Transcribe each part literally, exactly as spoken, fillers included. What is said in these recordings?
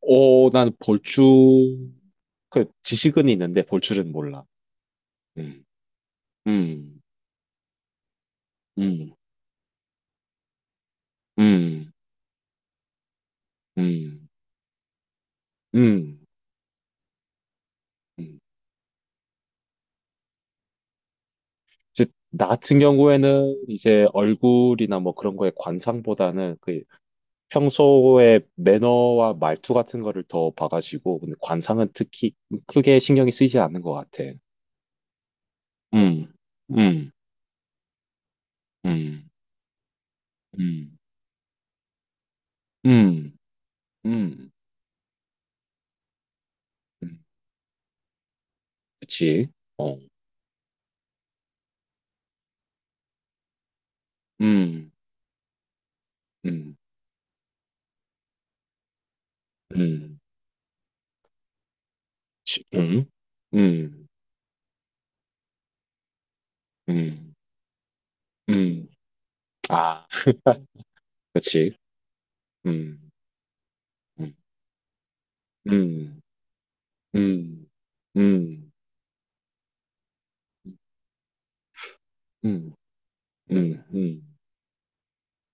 어, 난 볼줄, 그, 지식은 있는데 볼줄은 몰라. 음, 음, 음, 음, 음, 음. 음. 이제 나 같은 경우에는 이제 얼굴이나 뭐 그런 거에 관상보다는 그 평소에 매너와 말투 같은 거를 더 봐가지고, 근데 관상은 특히 크게 신경이 쓰이지 않는 것 같아. 음, 음, 음, 음, 음, 음, 음. 그치? 어, 음, 음, 음. 치- 음, 음, 음, 음, 아, 그치, 음, 음, 음, 음, 음, 음, 음, 음,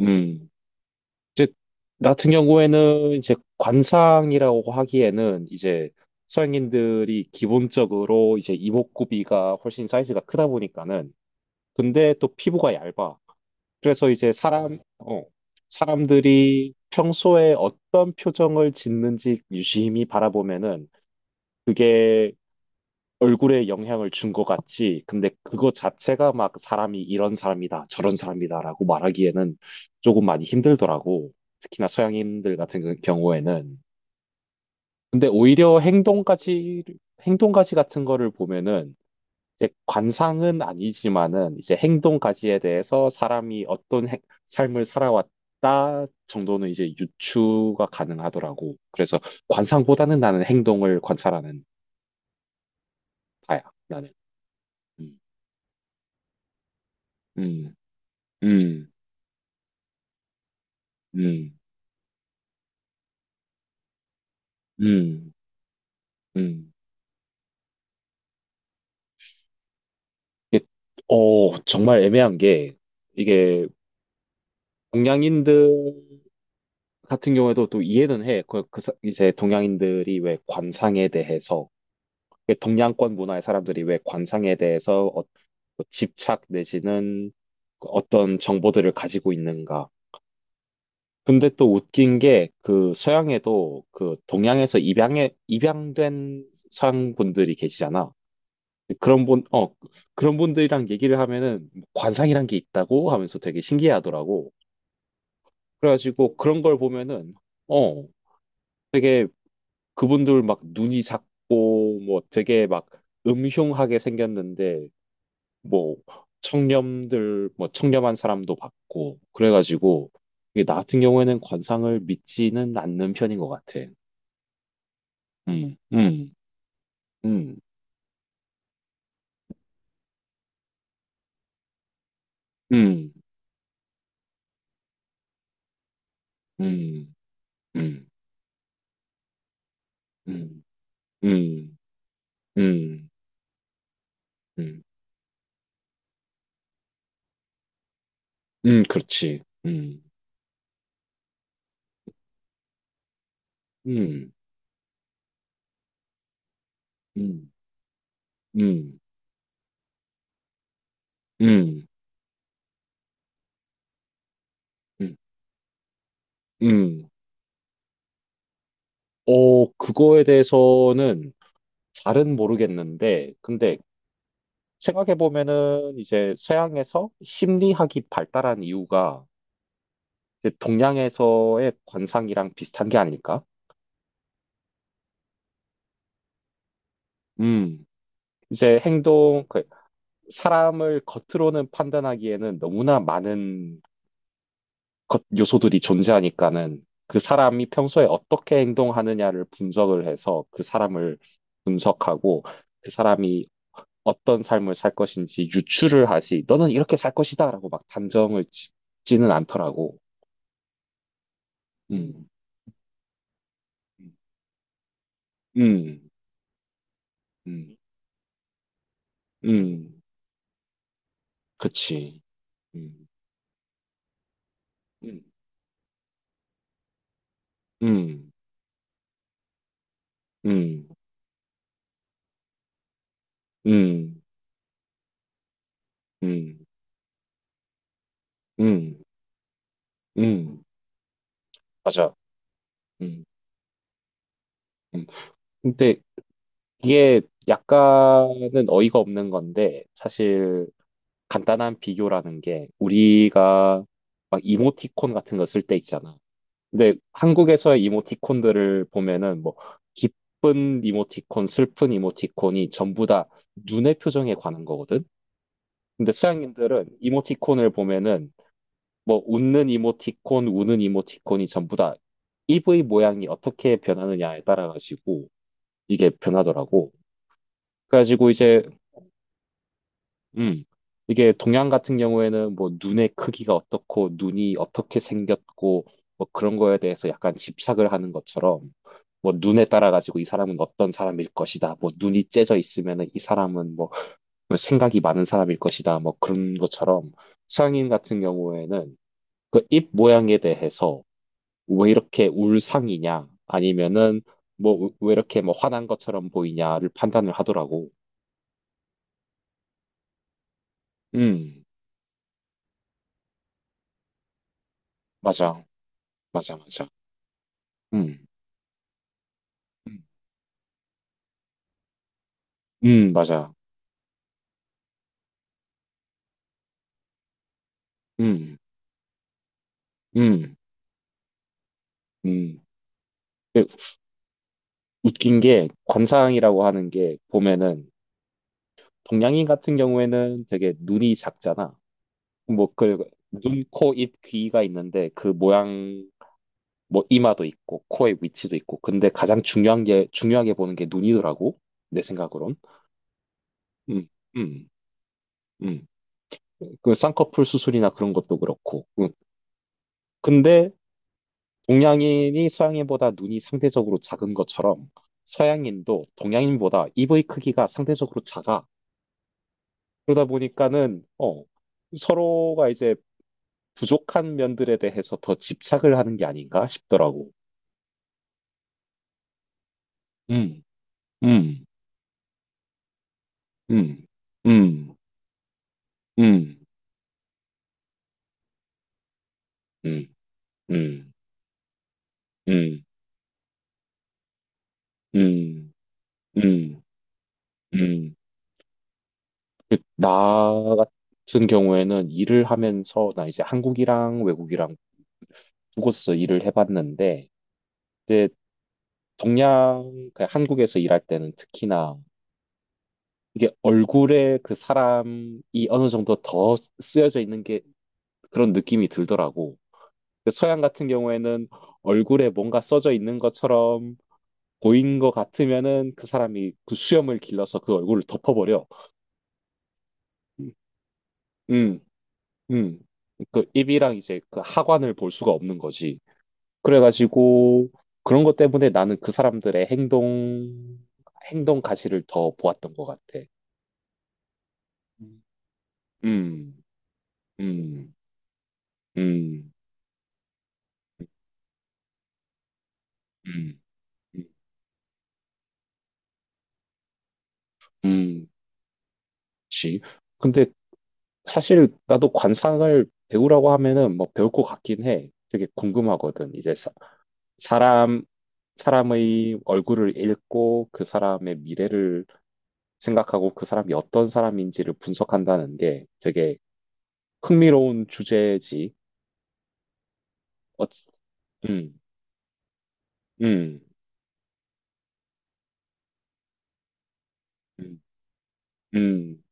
음. 이제 나 같은 경우에는 이제 관상이라고 하기에는 이제 서양인들이 기본적으로 이제 이목구비가 훨씬 사이즈가 크다 보니까는 근데 또 피부가 얇아. 그래서 이제 사람, 어, 사람들이 평소에 어떤 표정을 짓는지 유심히 바라보면은 그게 얼굴에 영향을 준 것 같지. 근데 그거 자체가 막 사람이 이런 사람이다, 저런 사람이다라고 말하기에는 조금 많이 힘들더라고. 특히나 서양인들 같은 그 경우에는. 근데 오히려 행동까지, 행동까지 같은 거를 보면은 이제 관상은 아니지만은 이제 행동 가지에 대해서 사람이 어떤 행- 삶을 살아왔다 정도는 이제 유추가 가능하더라고. 그래서 관상보다는 나는 행동을 관찰하는 파야. 나는. 음, 음, 음, 음, 음. 음. 이게, 어, 정말 애매한 게 이게 동양인들 같은 경우에도 또 이해는 해. 그, 그 사- 이제 동양인들이 왜 관상에 대해서 동양권 문화의 사람들이 왜 관상에 대해서 또 집착 내지는 그 어떤 정보들을 가지고 있는가. 근데 또 웃긴 게 그 서양에도 그 동양에서 입양에 입양된 서양 분들이 계시잖아. 그런 분, 어, 그런 분들이랑 얘기를 하면은 관상이란 게 있다고 하면서 되게 신기해하더라고. 그래가지고 그런 걸 보면은 어, 되게 그분들 막 눈이 작고 뭐 되게 막 음흉하게 생겼는데 뭐 청렴들 뭐 청렴한 사람도 봤고 그래가지고 이게 나 같은 경우에는 관상을 믿지는 않는 편인 것 같아. 음, 음, 음, 음, 음, 음, 음, 음, 음, 음, 음, 음, 그렇지. 음, 음, 음, 음, 음, 음, 음. 어, 그거에 대해서는 잘은 모르겠는데, 근데 생각해 보면은 이제 서양에서 심리학이 발달한 이유가 이제 동양에서의 관상이랑 비슷한 게 아닐까? 음, 이제 행동, 그 사람을 겉으로는 판단하기에는 너무나 많은 것, 요소들이 존재하니까는 그 사람이 평소에 어떻게 행동하느냐를 분석을 해서 그 사람을 분석하고 그 사람이 어떤 삶을 살 것인지 유추를 하지, 너는 이렇게 살 것이다라고 막 단정을 짓지는 않더라고. 음, 음, 음, 음, 음, 음, 그치. 음. 음. 음, 음, 음, 음, 음, 음, 맞아. 음, 음. 근데 이게 약간은 어이가 없는 건데, 사실 간단한 비교라는 게 우리가 막 이모티콘 같은 거 쓸 때 있잖아. 근데 한국에서의 이모티콘들을 보면은 뭐 기쁜 이모티콘, 슬픈 이모티콘이 전부 다 눈의 표정에 관한 거거든. 근데 서양인들은 이모티콘을 보면은 뭐 웃는 이모티콘, 우는 이모티콘이 전부 다 입의 모양이 어떻게 변하느냐에 따라가지고 이게 변하더라고. 그래가지고 이제 음 이게 동양 같은 경우에는 뭐 눈의 크기가 어떻고 눈이 어떻게 생겼고 뭐 그런 거에 대해서 약간 집착을 하는 것처럼 뭐 눈에 따라가지고 이 사람은 어떤 사람일 것이다. 뭐 눈이 째져 있으면은 이 사람은 뭐 생각이 많은 사람일 것이다. 뭐 그런 것처럼 서양인 같은 경우에는 그 입 모양에 대해서 왜 이렇게 울상이냐 아니면은 뭐 왜 이렇게 뭐 화난 것처럼 보이냐를 판단을 하더라고. 음, 맞아, 맞아, 맞아. 음, 음, 음, 맞아. 음, 음, 음. 근데 웃긴 게 관상이라고 하는 게 보면은 동양인 같은 경우에는 되게 눈이 작잖아. 뭐 그 눈, 코, 입, 귀가 있는데 그 모양 뭐 이마도 있고 코의 위치도 있고 근데 가장 중요한 게 중요하게 보는 게 눈이더라고 내 생각으론. 음, 음. 음. 그 쌍꺼풀 수술이나 그런 것도 그렇고. 음. 근데 동양인이 서양인보다 눈이 상대적으로 작은 것처럼 서양인도 동양인보다 입의 크기가 상대적으로 작아. 그러다 보니까는 어, 서로가 이제 부족한 면들에 대해서 더 집착을 하는 게 아닌가 싶더라고. 음, 음, 음, 음, 음, 음, 음, 음, 음, 음, 음, 음. 그, 나 같은 경우에는 일을 하면서 나 이제 한국이랑 외국이랑 두 곳에서 일을 해봤는데 이제 동양 그 한국에서 일할 때는 특히나 이게 얼굴에 그 사람이 어느 정도 더 쓰여져 있는 게 그런 느낌이 들더라고. 근데 서양 같은 경우에는 얼굴에 뭔가 써져 있는 것처럼 보인 것 같으면은 그 사람이 그 수염을 길러서 그 얼굴을 덮어버려. 음, 음. 음. 그 입이랑 이제 그 하관을 볼 수가 없는 거지. 그래가지고 그런 것 때문에 나는 그 사람들의 행동, 행동 가시를 더 보았던 것 같아. 음. 음, 음, 음, 음, 음, 그치. 근데 사실 나도 관상을 배우라고 하면은 뭐 배울 것 같긴 해. 되게 궁금하거든. 이제 사, 사람, 사람의 얼굴을 읽고 그 사람의 미래를 생각하고 그 사람이 어떤 사람인지를 분석한다는 게 되게 흥미로운 주제지. 어, 음, 음, 음, 음,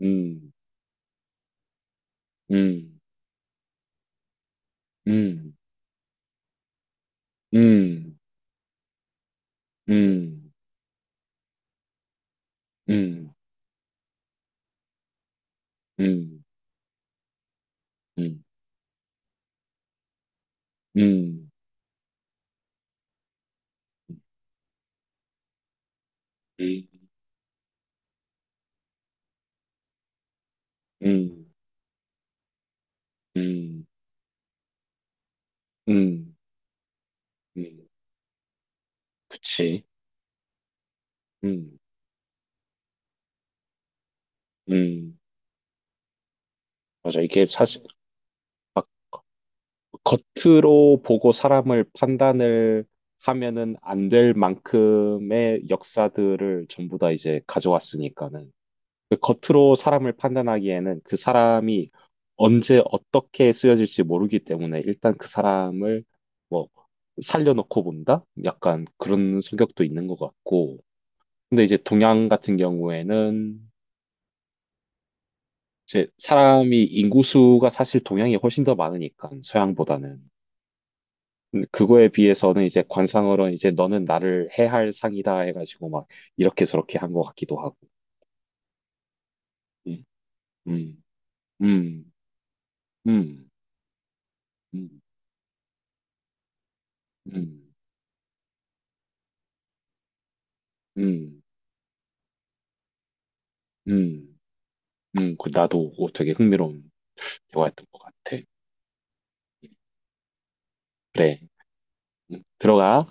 음, 음, 음, 음, 음, 음, 음, 음, 음, 음, 음, 음, 음. 그치. 음, 음. 맞아. 이게 사실 겉으로 보고 사람을 판단을 하면은 안 될 만큼의 역사들을 전부 다 이제 가져왔으니까는. 그 겉으로 사람을 판단하기에는 그 사람이 언제 어떻게 쓰여질지 모르기 때문에 일단 그 사람을 뭐 살려놓고 본다? 약간 그런 성격도 있는 것 같고. 근데 이제 동양 같은 경우에는 이제 사람이 인구수가 사실 동양이 훨씬 더 많으니까 서양보다는. 근데 그거에 비해서는 이제 관상으로는 이제 너는 나를 해할 상이다 해가지고 막 이렇게 저렇게 한 것 같기도 하고. 음, 음, 음, 음, 음, 음. 음. 음, 음, 그 나도 그거 되게 흥미로운 대화였던 것 같아. 그래, 음, 들어가.